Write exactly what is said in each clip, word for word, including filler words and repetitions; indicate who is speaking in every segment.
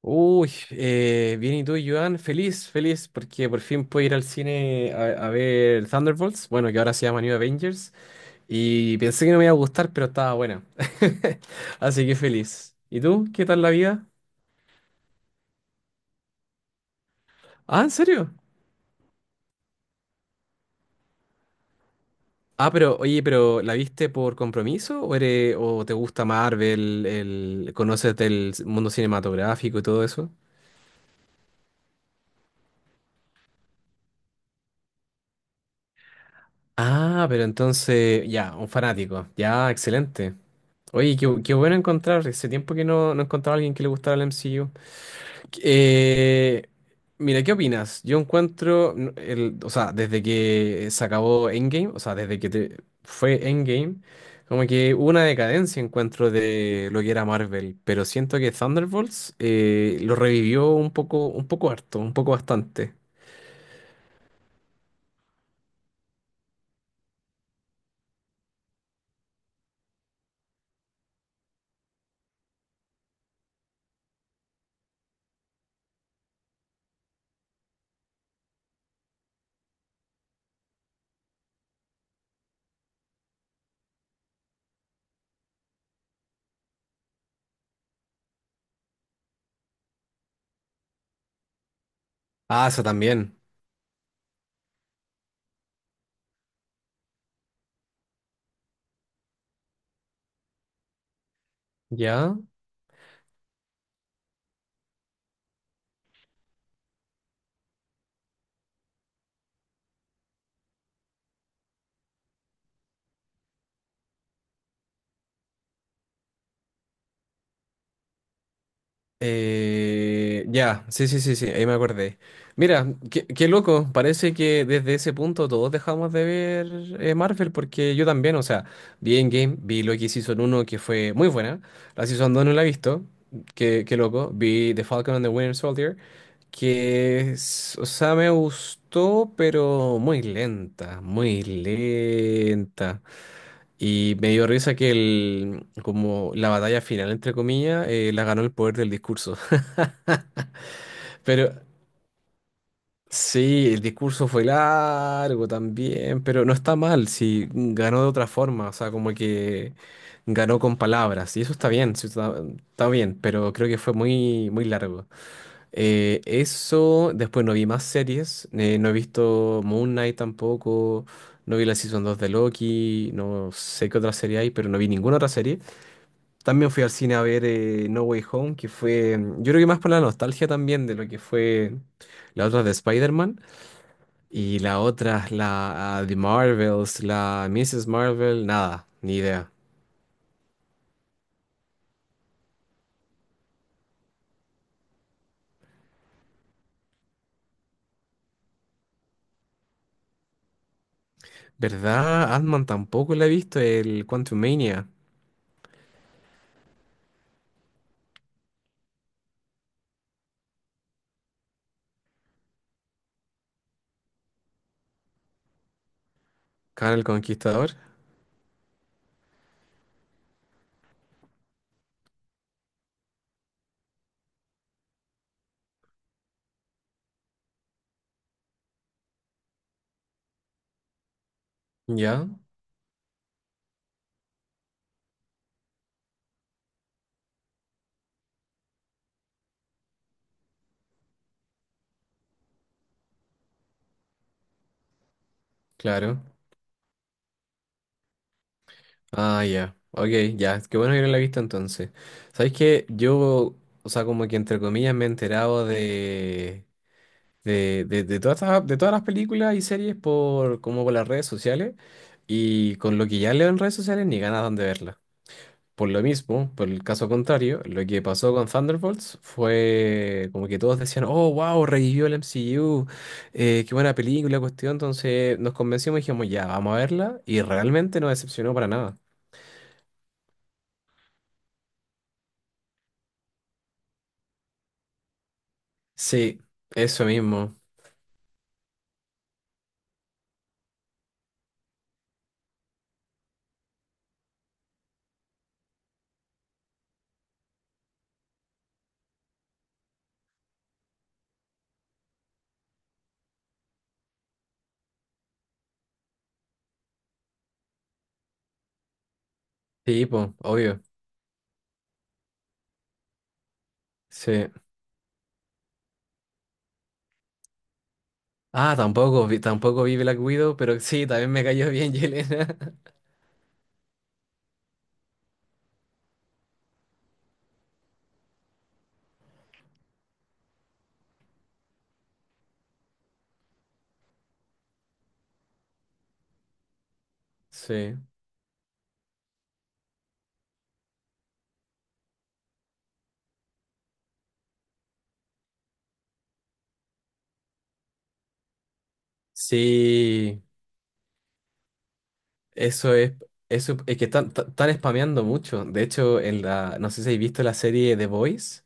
Speaker 1: Uy, eh, bien, ¿y tú, Joan? Feliz, feliz, porque por fin puedo ir al cine a, a ver Thunderbolts, bueno, que ahora se llama New Avengers, y pensé que no me iba a gustar, pero estaba buena. Así que feliz. ¿Y tú? ¿Qué tal la vida? Ah, ¿en serio? Ah, pero, oye, pero ¿la viste por compromiso o, eres, o te gusta Marvel, el, conoces del mundo cinematográfico y todo eso? Ah, pero entonces, ya, un fanático, ya, excelente. Oye, qué, qué bueno encontrar. Hace tiempo que no, no encontraba a alguien que le gustara el M C U. Eh, Mira, ¿qué opinas? Yo encuentro, n- el, o sea, desde que se acabó Endgame, o sea, desde que te- fue Endgame, como que hubo una decadencia, encuentro, de lo que era Marvel. Pero siento que Thunderbolts eh, lo revivió un poco, un poco harto, un poco bastante. Ah, eso también. ¿Ya? Eh, ya, sí, sí, sí, sí, ahí me acordé. Mira, qué, qué loco, parece que desde ese punto todos dejamos de ver eh, Marvel, porque yo también, o sea, vi Endgame, vi Loki Season uno que fue muy buena, la Season dos no la he visto. Qué, qué loco, vi The Falcon and the Winter Soldier, que, es- o sea, me gustó, pero muy lenta, muy lenta. Y me dio risa que el, como la batalla final, entre comillas, eh, la ganó el poder del discurso. Pero sí, el discurso fue largo también, pero no está mal, si ganó de otra forma, o sea, como que ganó con palabras, y eso está bien, sí, está, está bien, pero creo que fue muy, muy largo. Eh, eso, después no vi más series, eh, no he visto Moon Knight tampoco, no vi la Season dos de Loki, no sé qué otra serie hay, pero no vi ninguna otra serie. También fui al cine a ver eh, No Way Home, que fue, mm, yo creo que más por la nostalgia también de lo que fue la otra de Spider-Man y la otra, la ah, de Marvels, la miss Marvel, nada, ni idea. ¿Verdad? Ant-Man tampoco la he visto, el Quantumania, Khan el Conquistador. Ya, claro. Ah, ya. Ok, ya, qué bueno que no la he visto entonces. ¿Sabes qué? Yo, o sea, como que entre comillas me he enterado de... de, de- de todas estas- de todas las películas y series por como por las redes sociales, y con lo que ya leo en redes sociales ni ganas dan de verla. Por lo mismo, por el caso contrario, lo que pasó con Thunderbolts fue como que todos decían, oh, wow, revivió el M C U, eh, qué buena película, cuestión. Entonces nos convencimos y dijimos, ya, vamos a verla y realmente no decepcionó para nada. Sí, eso mismo. Sí, po, obvio. Sí. Ah, tampoco vi, tampoco vi Black Widow, pero sí, también me cayó bien Yelena. Sí. Sí, eso es, eso es que están, están spameando mucho. De hecho, en la, no sé si habéis visto la serie The Boys.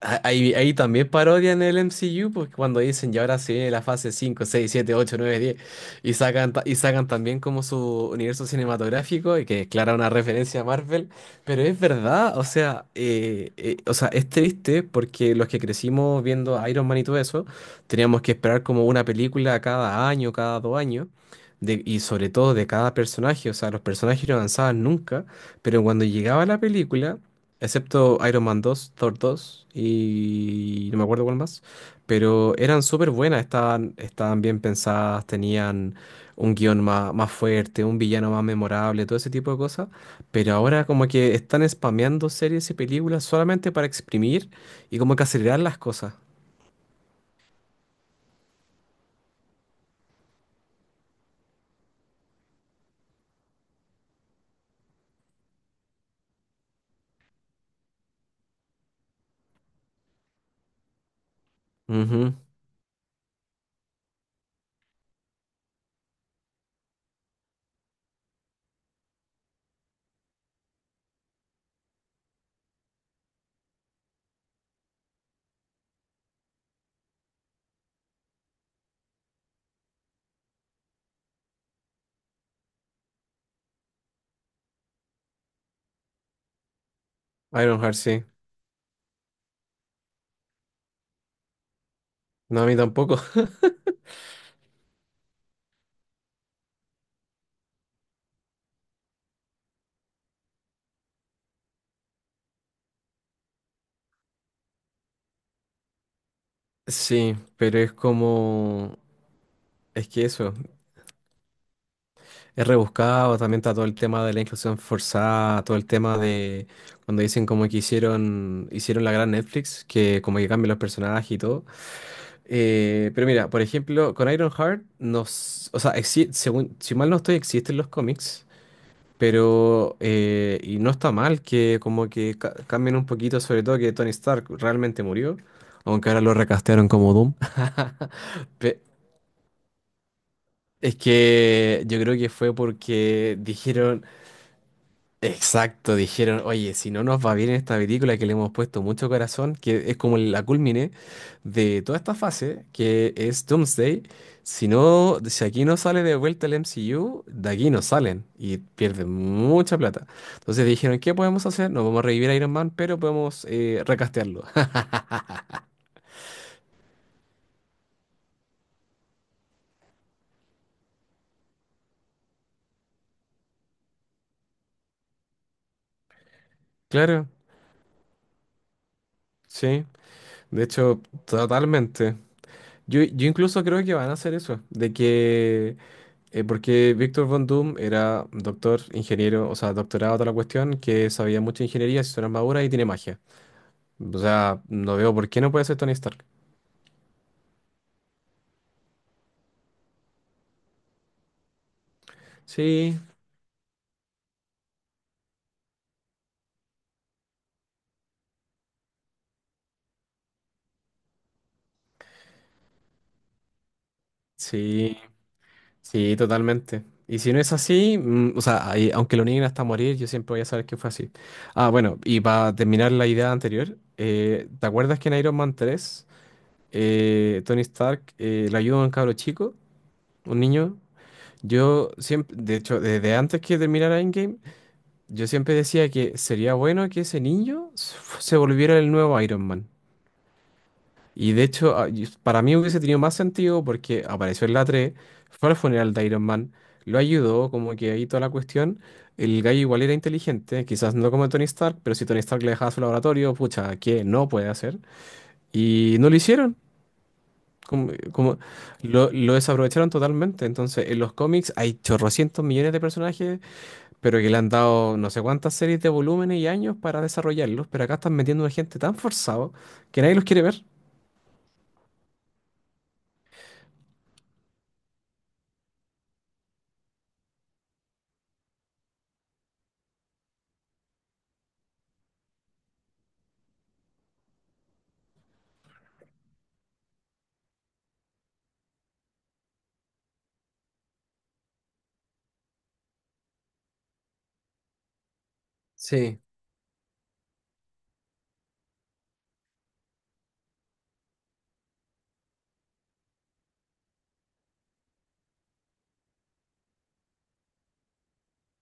Speaker 1: Ah, Ahí, ahí también parodian el M C U, porque cuando dicen, y ahora sí viene la fase cinco seis siete ocho nueve diez y sacan, ta- y sacan también como su universo cinematográfico, y que es clara una referencia a Marvel, pero es verdad, o sea, eh, eh, o sea, es triste porque los que crecimos viendo Iron Man y todo eso, teníamos que esperar como una película cada año, cada dos años, de- y sobre todo de cada personaje, o sea, los personajes no avanzaban nunca, pero cuando llegaba la película. Excepto Iron Man dos, Thor dos y no me acuerdo cuál más. Pero eran súper buenas, estaban, estaban bien pensadas, tenían un guión más, más fuerte, un villano más memorable, todo ese tipo de cosas. Pero ahora como que están spameando series y películas solamente para exprimir y como que acelerar las cosas. Ujú, Ironheart, sí. No, a mí tampoco. Sí, pero es como... Es que eso. Es rebuscado, también está todo el tema de la inclusión forzada, todo el tema de cuando dicen como que hicieron, hicieron la gran Netflix, que como que cambian los personajes y todo. Eh, pero mira, por ejemplo, con Ironheart, nos, o sea, exi- según, si mal no estoy, existen los cómics, pero eh, y no está mal que como que ca- cambien un poquito, sobre todo que Tony Stark realmente murió, aunque ahora lo recastearon como Doom. Pe- Es que yo creo que fue porque dijeron... Exacto, dijeron, oye, si no nos va bien en esta película que le hemos puesto mucho corazón, que es como la culmine de toda esta fase, que es Doomsday, si no, si aquí no sale de vuelta el M C U, de aquí no salen y pierden mucha plata. Entonces dijeron, ¿qué podemos hacer? No vamos a revivir a Iron Man, pero podemos eh, recastearlo. Claro, sí, de hecho, totalmente. Yo, yo incluso creo que van a hacer eso, de que Eh, porque Víctor Von Doom era doctor, ingeniero, o sea, doctorado toda la cuestión, que sabía mucha ingeniería, se hizo una armadura y tiene magia. O sea, no veo por qué no puede ser Tony Stark. Sí, sí, sí, totalmente. Y si no es así, mm, o sea, ahí, aunque lo nieguen hasta morir, yo siempre voy a saber que fue así. Ah, bueno, y para terminar la idea anterior, eh, ¿te acuerdas que en Iron Man tres eh, Tony Stark eh, le ayuda a un cabro chico, un niño? Yo siempre, de hecho, desde antes que terminara Endgame, yo siempre decía que sería bueno que ese niño se se volviera el nuevo Iron Man. Y de hecho, a- y- para mí hubiese tenido más sentido porque apareció en la tres, fue al funeral de Iron Man, lo ayudó, como que ahí toda la cuestión. El gallo igual era inteligente, quizás no como Tony Stark, pero si Tony Stark le dejaba su laboratorio, pucha, ¿qué no puede hacer? Y no lo hicieron. Como, como lo, lo desaprovecharon totalmente. Entonces, en los cómics hay chorrocientos millones de personajes, pero que le han dado no sé cuántas series de volúmenes y años para desarrollarlos, pero acá están metiendo una gente tan forzado que nadie los quiere ver. Sí.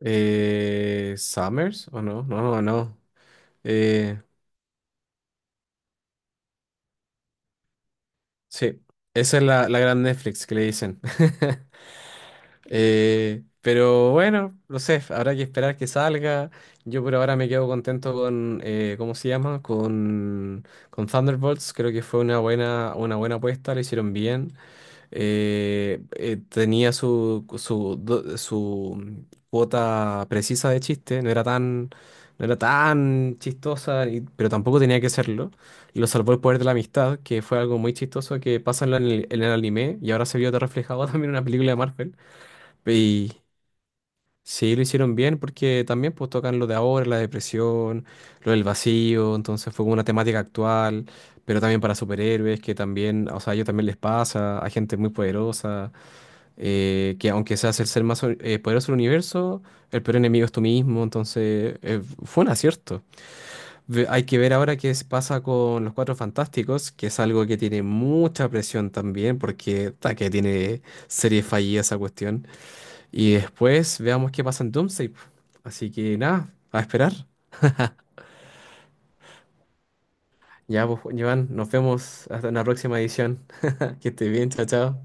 Speaker 1: Eh, ¿Summers? ¿O no? No, no, no. Eh, sí, esa es la, la gran Netflix que le dicen. Eh, pero bueno, no sé, habrá que esperar que salga. Yo por ahora me quedo contento con, eh, ¿cómo se llama? Con, con Thunderbolts. Creo que fue una buena, una buena apuesta, lo hicieron bien. Eh, eh, tenía su, su, do- su cuota precisa de chiste, no era tan, no era tan chistosa, y- pero tampoco tenía que serlo. Lo salvó el poder de la amistad, que fue algo muy chistoso que pasa en la- en el, en el anime y ahora se vio reflejado también en una película de Marvel. Y sí, lo hicieron bien porque también pues, tocan lo de ahora, la depresión, lo del vacío, entonces fue como una temática actual. Pero también para superhéroes, que también, o sea, a ellos también les pasa, a gente muy poderosa eh, que aunque seas el ser más so, eh, poderoso del universo, el peor enemigo es tú mismo, entonces eh, fue un acierto. Ve- Hay que ver ahora qué es- pasa con los Cuatro Fantásticos, que es algo que tiene mucha presión también, porque ta, que tiene serie fallida esa cuestión. Y después veamos qué pasa en Doomsday, po. Así que nada, a esperar. Ya, pues, Joan, nos vemos hasta una próxima edición. Que estés bien, chao, chao.